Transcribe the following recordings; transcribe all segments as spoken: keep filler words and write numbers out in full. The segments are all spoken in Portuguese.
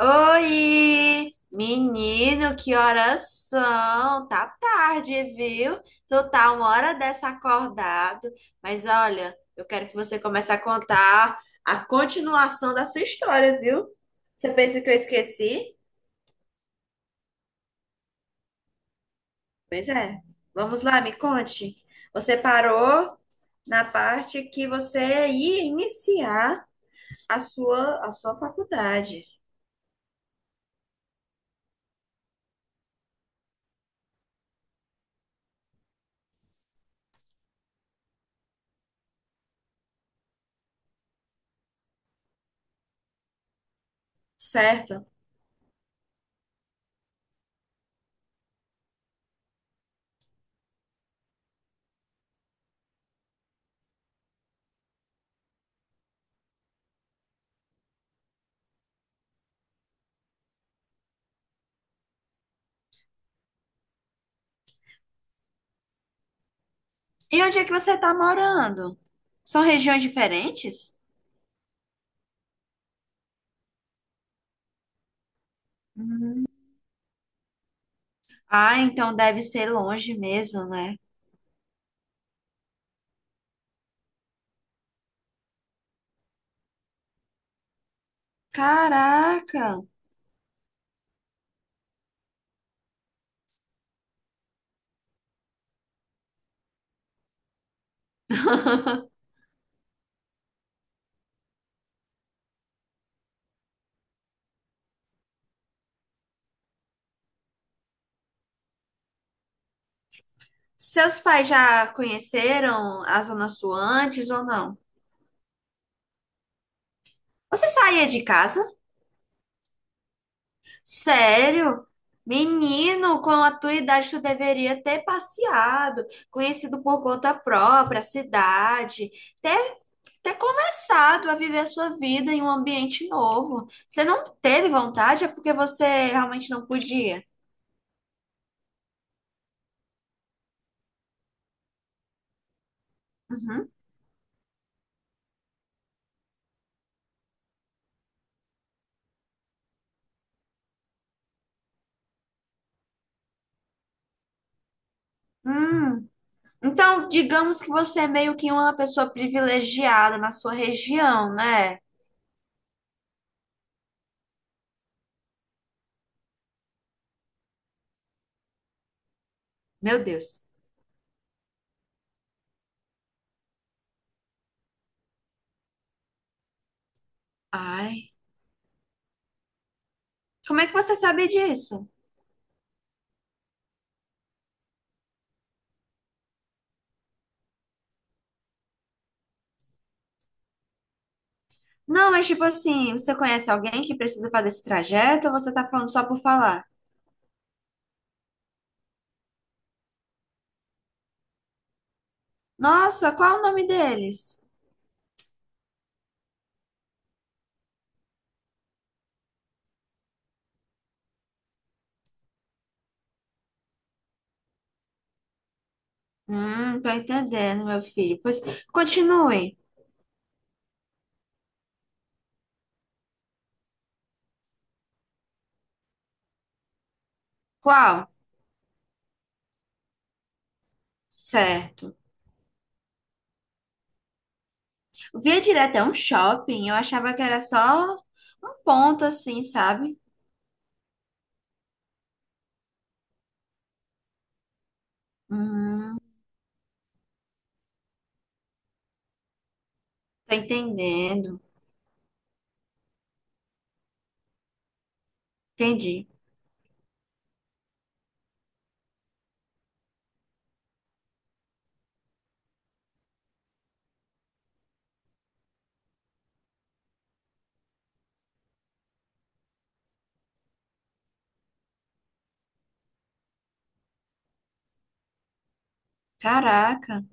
Oi! Menino, que horas são? Tá tarde, viu? Tu tá uma hora dessa acordado. Mas olha, eu quero que você comece a contar a continuação da sua história, viu? Você pensa que eu esqueci? Pois é. Vamos lá, me conte. Você parou na parte que você ia iniciar a sua, a sua faculdade, certo? E onde é que você tá morando? São regiões diferentes? Ah, então deve ser longe mesmo, né? Caraca! Seus pais já conheceram a Zona Sul antes ou não? Você saía de casa? Sério? Menino, com a tua idade tu deveria ter passeado, conhecido por conta própria a cidade, ter, ter começado a viver a sua vida em um ambiente novo. Você não teve vontade, é porque você realmente não podia. Uhum. Hum. Então, digamos que você é meio que uma pessoa privilegiada na sua região, né? Meu Deus. Ai, como é que você sabe disso? Não, mas tipo assim, você conhece alguém que precisa fazer esse trajeto ou você tá falando só por falar? Nossa, qual é o nome deles? Hum, tô entendendo, meu filho. Pois continue. Qual? Certo. Via direto é um shopping, eu achava que era só um ponto assim, sabe? Hum, tô entendendo. Entendi. Caraca,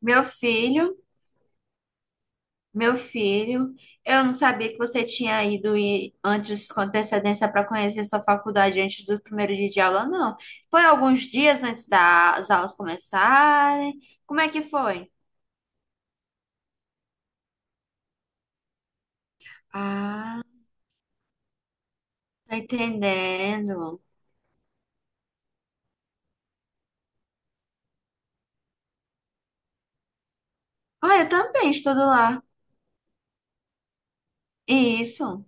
meu filho, meu filho, eu não sabia que você tinha ido e- antes com antecedência para conhecer sua faculdade antes do primeiro dia de aula, não. Foi alguns dias antes das aulas começarem? Como é que foi? Ah, tô entendendo. Ah, eu também estudo lá. Isso,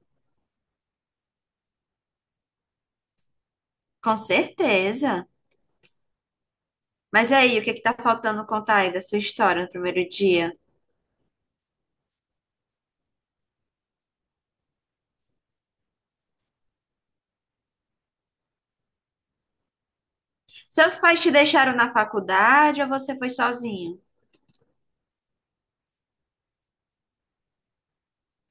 com certeza. Mas aí, o que que tá faltando contar aí da sua história no primeiro dia? Seus pais te deixaram na faculdade ou você foi sozinho?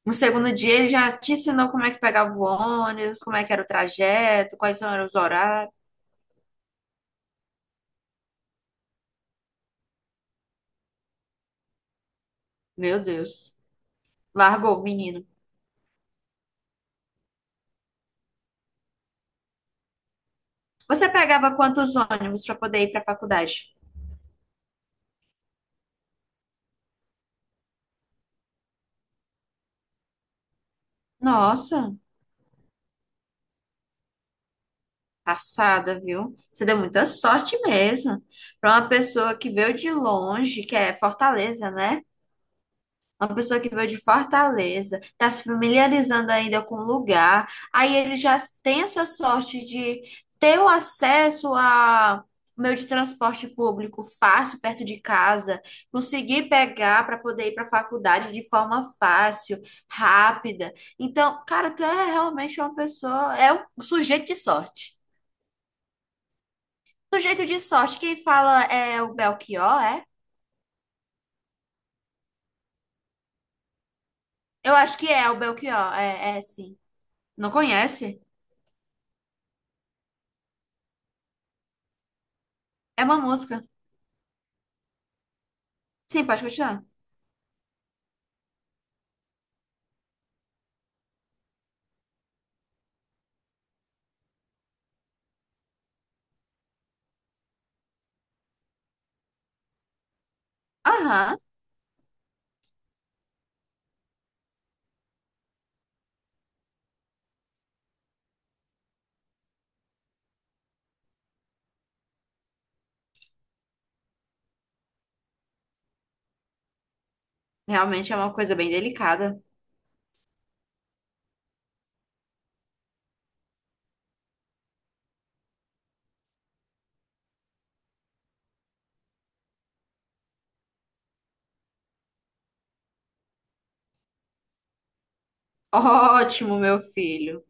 No segundo dia, ele já te ensinou como é que pegava o ônibus, como é que era o trajeto, quais eram os horários. Meu Deus, largou o menino. Você pegava quantos ônibus para poder ir para a faculdade? Nossa, passada, viu? Você deu muita sorte mesmo. Para uma pessoa que veio de longe, que é Fortaleza, né? Uma pessoa que veio de Fortaleza, está se familiarizando ainda com o lugar, aí ele já tem essa sorte de ter o acesso a meio de transporte público fácil, perto de casa, conseguir pegar para poder ir para a faculdade de forma fácil, rápida. Então, cara, tu é realmente uma pessoa, é um sujeito de sorte. Sujeito de sorte, quem fala é o Belchior, é? Eu acho que é o Belchior, é, é sim. Não conhece? É uma música. Sim, pode continuar. Aham. Realmente é uma coisa bem delicada. Ótimo, meu filho.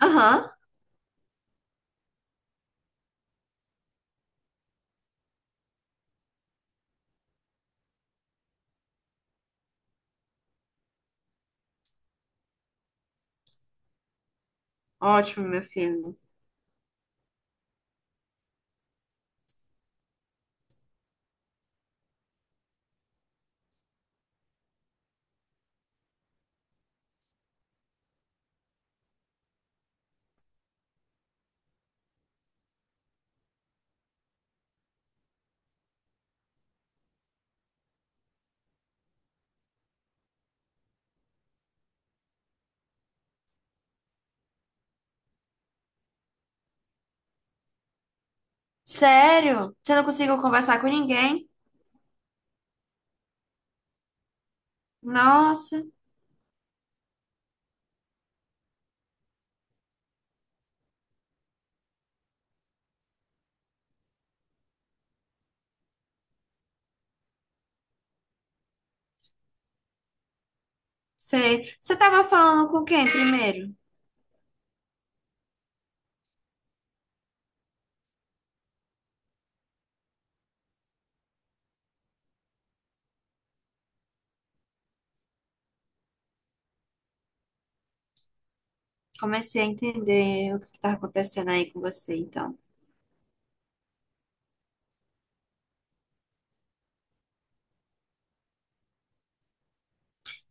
Aham. Ótimo, meu filho. Sério? Você não conseguiu conversar com ninguém? Nossa, sei. Você tava falando com quem primeiro? Comecei a entender o que que tá acontecendo aí com você, então.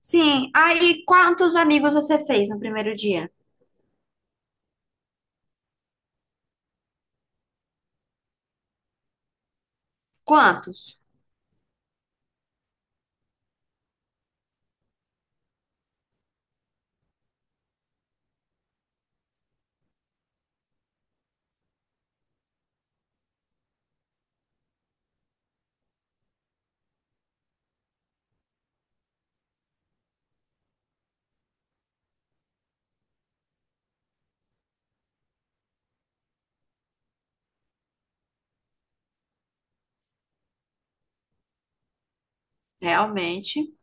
Sim. Aí, quantos amigos você fez no primeiro dia? Quantos? Realmente.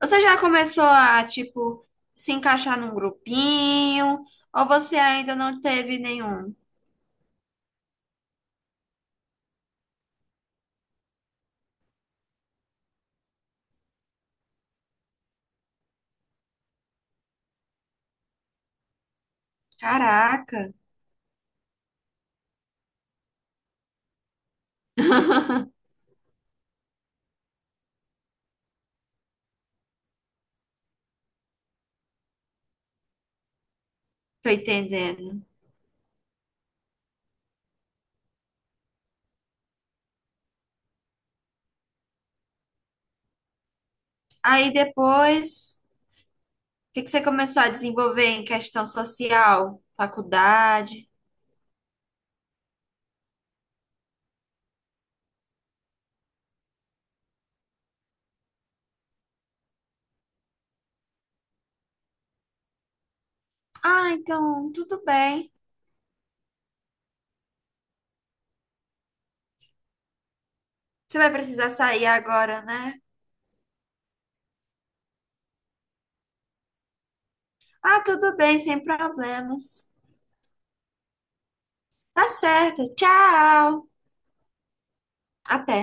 Você já começou a, tipo, se encaixar num grupinho? Ou você ainda não teve nenhum? Caraca, tô entendendo. Aí depois, o que que você começou a desenvolver em questão social, faculdade? Ah, então, tudo bem. Você vai precisar sair agora, né? Ah, tudo bem, sem problemas. Tá certo, tchau. Até.